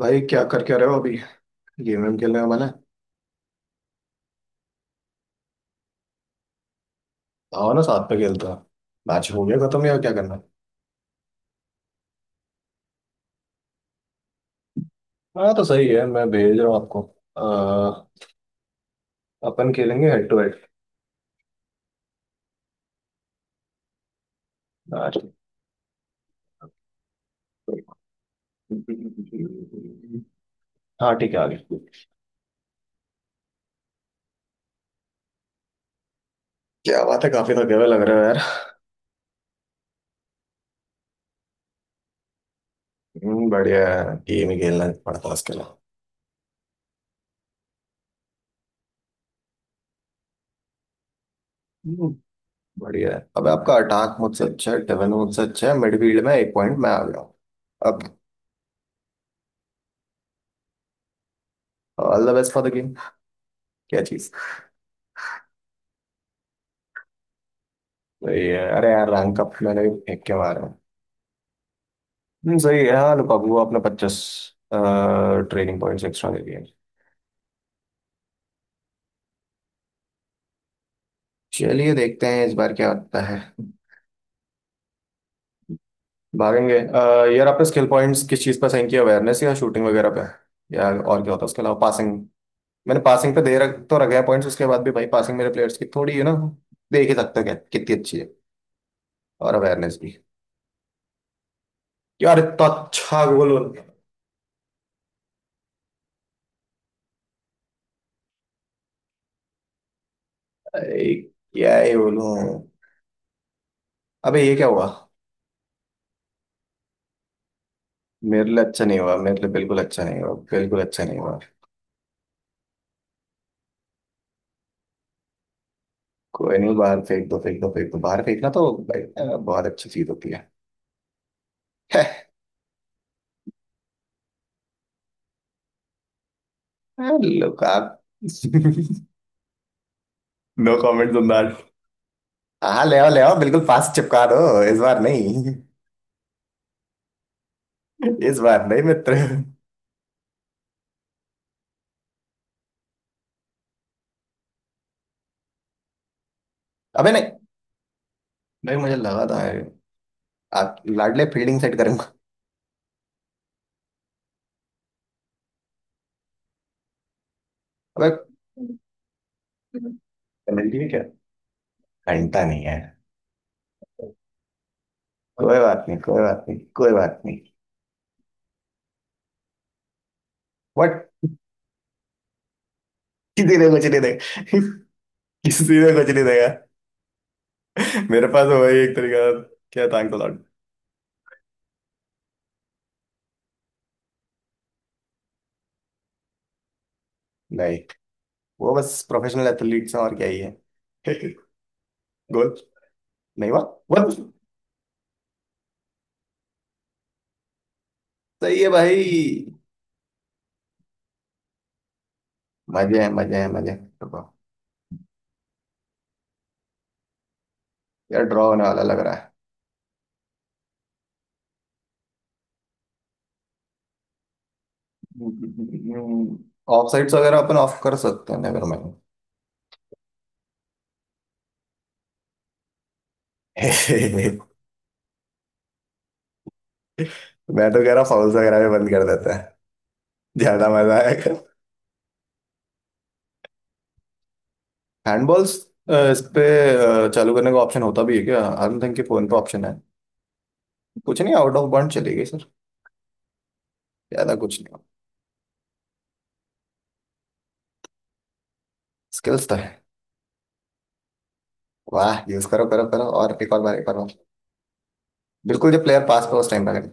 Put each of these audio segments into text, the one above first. भाई, क्या रहे हो अभी। गेम वेम खेलने का मन है? आओ ना, साथ में खेलता। मैच हो गया खत्म या क्या करना है? हाँ तो सही है, मैं भेज रहा हूँ आपको। अह, अपन खेलेंगे हेड टू हेड मैच। हाँ ठीक है, आगे। क्या बात है, काफी थके हुए लग रहे हो यार। बढ़िया है, गेम ही खेलना है, पड़ता है इसके लिए। हम्म, बढ़िया है। अब आपका अटैक मुझसे अच्छा है, डिफेंस मुझसे अच्छा है, मिडफील्ड में एक पॉइंट मैं आ गया हूँ अब। All the best for the game. क्या चीज? सही है, अरे यार रैंक अप मैंने भी फेंक के मारा। सही है। हाँ लुकाकू आपने 50 ट्रेनिंग पॉइंट्स एक्स्ट्रा दे दिए। चलिए देखते हैं इस बार क्या होता है। भागेंगे। यार आपने स्किल पॉइंट्स किस चीज़ पर साइन किया, अवेयरनेस या शूटिंग वगैरह पे? या और क्या होता है उसके अलावा, पासिंग? मैंने पासिंग पे दे रख तो रखे हैं पॉइंट्स, उसके बाद भी भाई पासिंग मेरे प्लेयर्स की थोड़ी है ना। देख ही सकते हो क्या कितनी अच्छी है, और अवेयरनेस भी। यार इतना अच्छा गोल। अरे, क्या ही बोलूं। अबे ये क्या हुआ? मेरे लिए अच्छा नहीं हुआ, मेरे लिए बिल्कुल अच्छा नहीं हुआ, बिल्कुल अच्छा नहीं हुआ। कोई नहीं, बाहर फेंक दो, फेंक दो, फेंक दो। बाहर फेंकना तो भाई बहुत अच्छी चीज होती है। लोग आप। No comments on that. हाँ ले आओ, ले आओ, बिल्कुल पास चिपका दो। इस बार नहीं। इस बार नहीं मित्र। अबे नहीं। भाई मुझे लगा था आप लाडले फील्डिंग सेट करेंगे। अबे, पेनल्टी है क्या? घंटा नहीं है। कोई बात नहीं, कोई बात नहीं, कोई बात नहीं। बट किसी ने कुछ नहीं देगा। किसी ने कुछ नहीं देगा। मेरे पास वही एक तरीका था। क्या थैंक गॉड। नहीं, वो बस प्रोफेशनल एथलीट्स हैं, और क्या ही है। गोल नहीं हुआ। बस सही है भाई। मजे हैं, मजे हैं, मजे हैं। रुको। यार ड्रॉ होने वाला लग रहा है। ऑफ साइड्स वगैरह अपन ऑफ कर सकते हैं, नेवर माइंड। मैं तो कह रहा फाउल्स वगैरह भी बंद कर देते हैं, ज्यादा मजा आएगा। हैंडबॉल्स इस पे चालू करने का ऑप्शन होता भी है क्या? आई डोंट थिंक कि फोन पे ऑप्शन है। कुछ नहीं, आउट ऑफ बाउंड चली गई सर। ज्यादा कुछ नहीं, स्किल्स तो है। वाह, यूज करो, करो, करो। और एक और बार, एक और बार। बिल्कुल, जब प्लेयर पास पे उस टाइम लगे।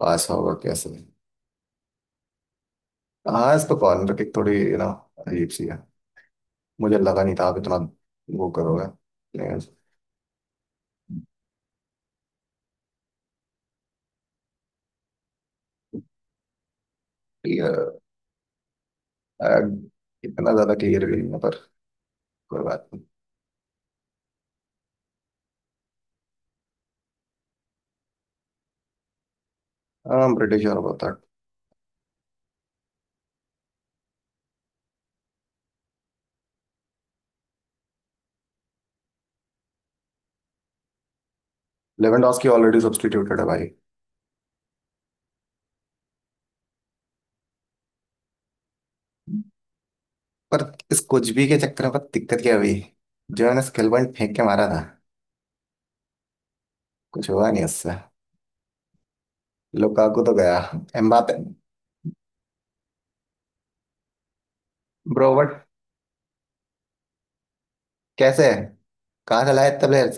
पास होगा कैसे? हाँ, इस तो कॉर्नर किक थोड़ी ना, अजीब सी है। मुझे लगा नहीं था आप इतना वो करोगे क्लियर। इतना ज्यादा क्लियर भी नहीं है पर, कोई बात नहीं। हाँ, ब्रिटिश और बहुत था। लेवेंडोस्की ऑलरेडी सब्स्टिट्यूटेड है भाई। पर इस कुछ भी के चक्कर में पता दिक्कत क्या हुई, जो मैंने स्किल पॉइंट फेंक के मारा था, कुछ हुआ नहीं उससे। लुकाकू तो गया, एम्बापे ब्रो बट कैसे? कहाँ चला है इतना प्लेयर?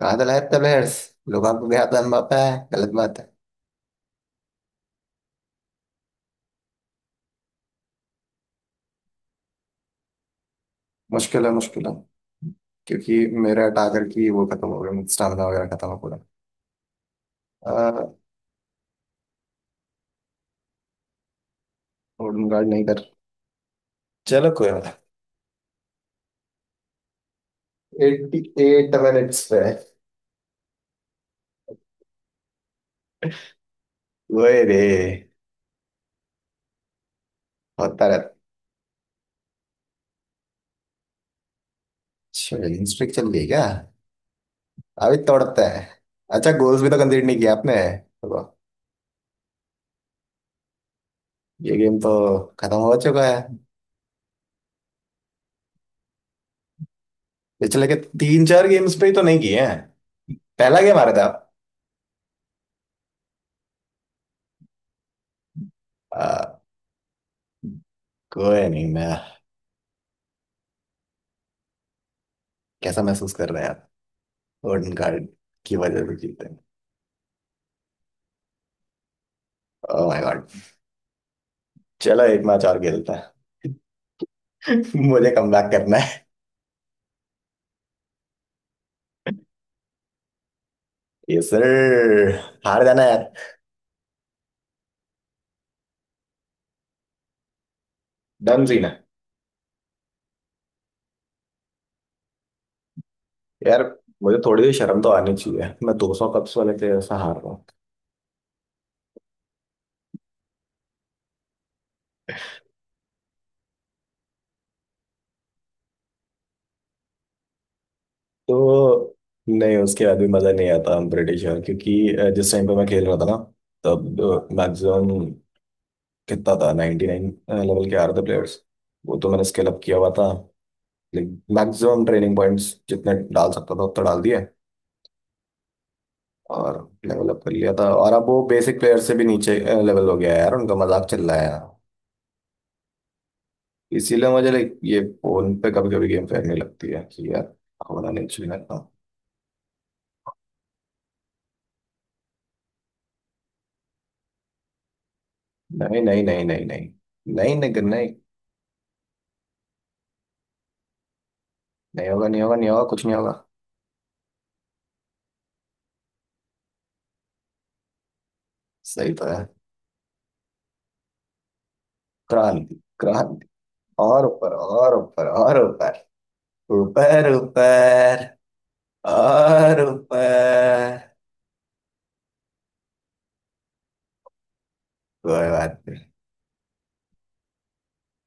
قاعدة لعيبة الحارس لو भाग गया तो एम्बाप्पे है, गलत बात है। मुश्किल है, मुश्किल है। क्योंकि मेरे अटाकर की वो खत्म हो गया, स्टामिना वगैरह खत्म हो पूरा। होल्डिंग गार्ड नहीं कर। चलो कोई बात। एट्टी एट मिनट्स पे। वही रे। होता रहता। अच्छा, स्ट्रिक चल रही है क्या? अभी तोड़ते हैं। अच्छा गोल्स भी तो कंसीडर नहीं किया आपने तो। ये गेम तो खत्म हो चुका है। पिछले के तीन चार गेम्स पे ही तो नहीं किए हैं। पहला गेम आ रहा था आप। आ, कोई नहीं। मैं कैसा महसूस कर रहे हैं आप? गोल्डन कार्ड की वजह से जीते हैं। Oh my God. चलो एक मैच और खेलते हैं। मुझे कमबैक करना है। ये सर हार जाना यार। डन सीन है। यार मुझे थोड़ी सी शर्म तो आनी चाहिए, मैं 200 कप्स वाले के जैसा हार रहा हूँ तो। नहीं, उसके बाद भी मज़ा नहीं आता। हम ब्रिटिश श्योर क्योंकि जिस टाइम पे मैं खेल रहा था ना, तब मैक्सिमम कितना था, 99 लेवल के आ रहे थे प्लेयर्स। वो तो मैंने स्केल अप किया हुआ था, लाइक मैक्सिमम ट्रेनिंग पॉइंट्स जितने डाल सकता था उतना डाल दिए, और लेवल अप कर लिया था। और अब वो बेसिक प्लेयर से भी नीचे लेवल हो गया है यार, उनका मजाक चल रहा है यार। इसीलिए मुझे लाइक ये फोन पे कभी कभी गेम खेलने लगती है कि यार, होना नहीं चाहिए लगता। नहीं, नहीं, नहीं, नहीं, नहीं, नहीं, नहीं, नहीं, नहीं। नहीं होगा, नहीं होगा, नहीं होगा, कुछ नहीं होगा। सही तो है। क्रांति, क्रांति। और ऊपर, और ऊपर, और ऊपर, ऊपर, ऊपर, और ऊपर। कोई बात नहीं।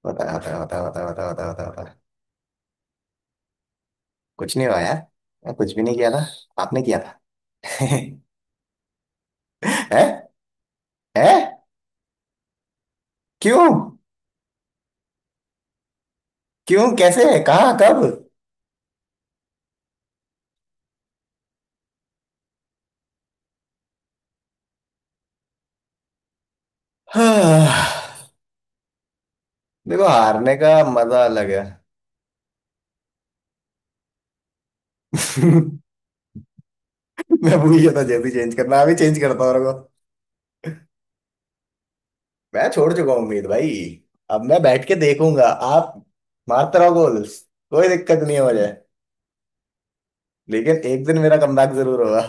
होता है, होता है, होता है, होता है, होता है, होता है, होता है। कुछ नहीं हुआ यार। मैं कुछ भी नहीं किया था, आपने किया था। है। है। क्यों? क्यों? कैसे? कहाँ? कब? हाँ, देखो हारने का मजा अलग है। मैं भूल गया था जल्दी चेंज करना, अभी चेंज करता हूँ रुको। मैं छोड़ चुका हूँ उम्मीद भाई। अब मैं बैठ के देखूंगा, आप मारते रहो गोल्स। कोई दिक्कत नहीं है मुझे, लेकिन एक दिन मेरा कमबैक जरूर होगा।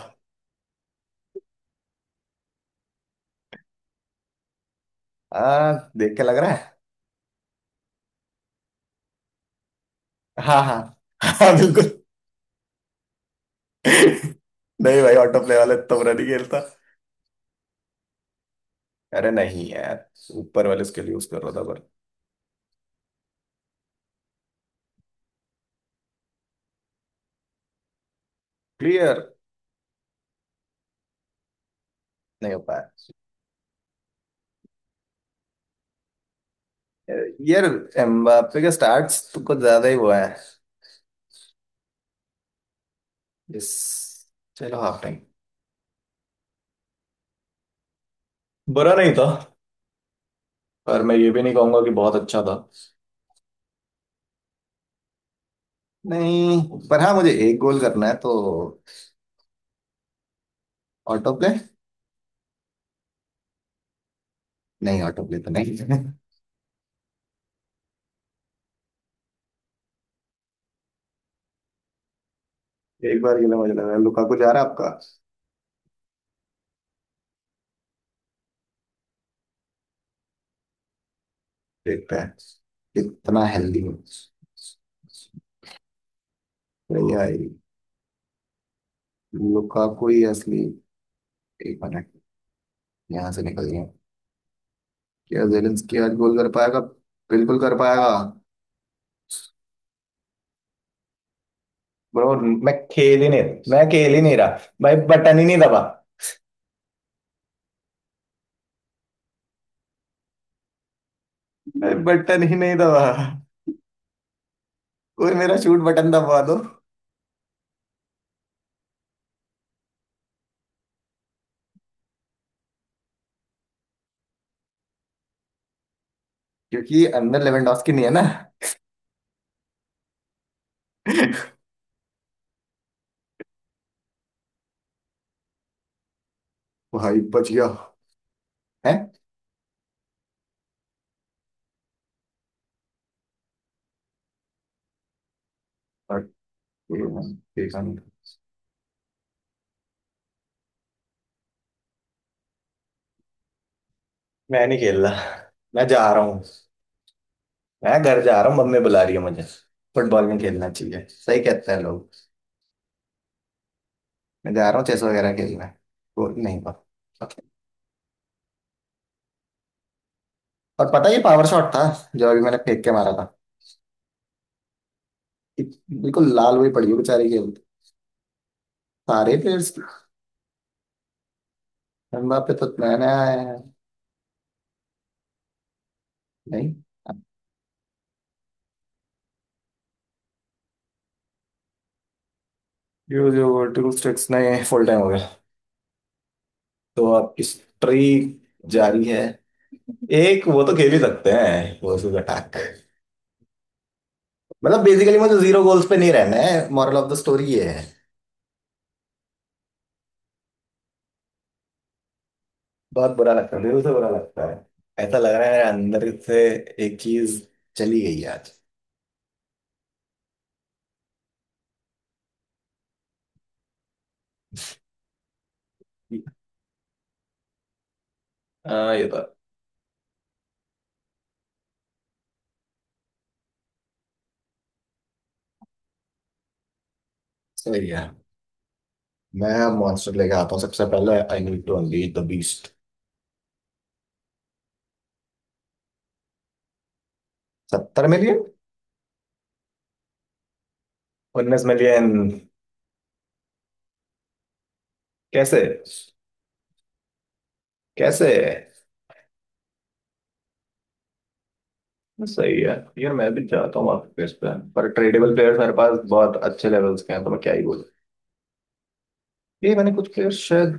हाँ, देख के लग रहा है। हाँ हाँ। हाँ बिल्कुल। नहीं भाई, ऑटो प्ले वाले तो बुरा नहीं खेलता। अरे नहीं यार, ऊपर वाले उसके लिए यूज कर रहा था पर। क्लियर नहीं हो पाया। यार, एम्बाप्पे का स्टार्ट्स तो कुछ ज्यादा ही हुआ है इस। चलो हाफ टाइम। बुरा नहीं था पर मैं ये भी नहीं कहूंगा कि बहुत अच्छा था। नहीं, पर हाँ मुझे एक गोल करना है तो। Auto play? नहीं, ऑटो प्ले तो नहीं। एक बार के लिए मुझे लग रहा है लुकाकू जा रहा है आपका। देखते हैं कितना हेल्दी है। भैया लुकाकू ही असली। एक मिनट, यहाँ से निकल गया। क्या जेलेंस्की आज गोल कर पाएगा? बिल्कुल कर पाएगा। ब्रो, मैं खेल ही नहीं। मैं खेल ही नहीं रहा भाई, बटन ही नहीं दबा। भाई बटन ही नहीं दबा। कोई मेरा शूट बटन दबा दो। क्योंकि अंदर लेवेंडोस्की नहीं है ना। भाई बच गया। है। मैं नहीं खेल रहा। मैं जा रहा हूँ, मैं घर जा रहा हूँ, मम्मी बुला रही है मुझे। फुटबॉल में खेलना चाहिए, सही कहते हैं लोग। मैं जा रहा हूँ चेस वगैरह खेलना। वो नहीं पा। और पता है ये पावर शॉट था जो अभी मैंने फेंक के मारा था। बिल्कुल लाल हुई पड़ी है बेचारी खेल, सारे प्लेयर्स। एम्बाप्पे तो नया नया आया है। नहीं, ये जो वर्टिकल स्टेक्स नए फुल टाइम हो गया तो आपकी स्ट्री जारी है। एक वो तो खेल ही सकते हैं, वर्सेस अटैक। मतलब बेसिकली मुझे जीरो गोल्स पे नहीं रहना है, मॉरल ऑफ द स्टोरी ये है। बहुत बुरा लगता है, दिल से बुरा लगता है। ऐसा लग रहा है मेरे अंदर से एक चीज चली गई है आज। हाँ ये तो सही है। मैं मॉन्स्टर लेके आता हूँ सबसे पहले, I need to unleash the beast. 70 million. 19 million. कैसे? कैसे? सही है। यार मैं भी चाहता हूँ आपके प्लेयर्स पे, पर ट्रेडेबल प्लेयर्स मेरे पास बहुत अच्छे लेवल्स के हैं तो मैं क्या ही बोलूँ। ये मैंने कुछ प्लेयर्स शायद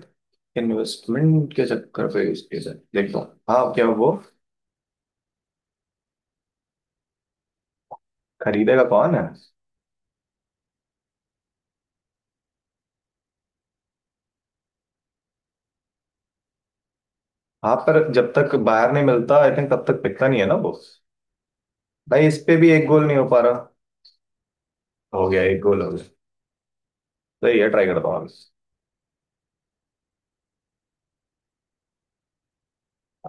इन्वेस्टमेंट के चक्कर पे यूज किए थे। देखता हूँ हाँ क्या वो। खरीदेगा कौन है? हाँ पर जब तक बाहर नहीं मिलता आई थिंक तब तक पिकता नहीं है ना वो। भाई इस पे भी एक गोल नहीं हो पा रहा। हो गया, एक गोल हो गया। सही है, ट्राई करता हूँ अभी।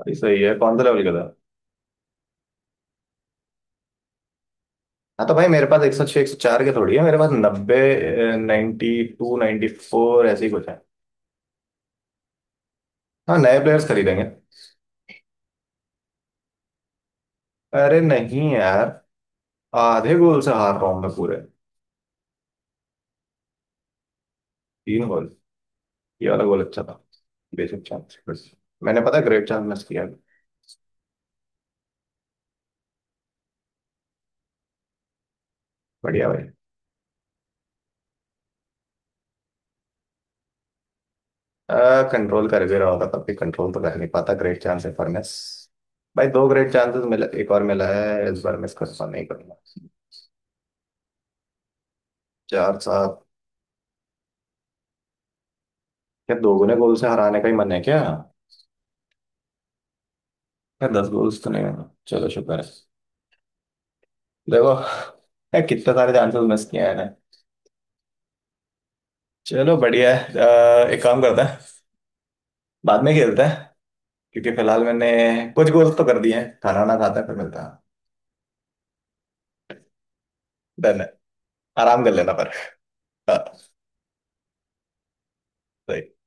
अभी सही है, कौन सा लेवल का था? हाँ तो भाई मेरे पास 106, 104 के थोड़ी है। मेरे पास 90, 92, 94 ऐसे ही कुछ है। हाँ नए प्लेयर्स खरीदेंगे। अरे नहीं यार, आधे गोल से हार रहा हूँ मैं पूरे। तीन गोल। ये वाला गोल अच्छा था। बेसिक चांस बस। मैंने पता ग्रेट चांस मिस किया। बढ़िया भाई। कंट्रोल कर भी रहा होगा तब भी कंट्रोल तो कर नहीं पाता। ग्रेट चांस है पर miss। भाई दो ग्रेट चांसेस मिला, एक और मिला है इस बार, मिस करना नहीं करना। 4-7। क्या दोगुने गोल से हराने का ही मन है क्या? क्या 10 गोल तो नहीं होना, चलो शुक्र है। देखो यार कितने सारे चांसेस मिस किए हैं मैंने। चलो बढ़िया है एक काम करते हैं, बाद में खेलते हैं, क्योंकि फिलहाल मैंने कुछ गोल्स तो कर दिए हैं। खाना ना खाता है फिर मिलता है। डन है, आराम कर लेना पर। हाँ। सही।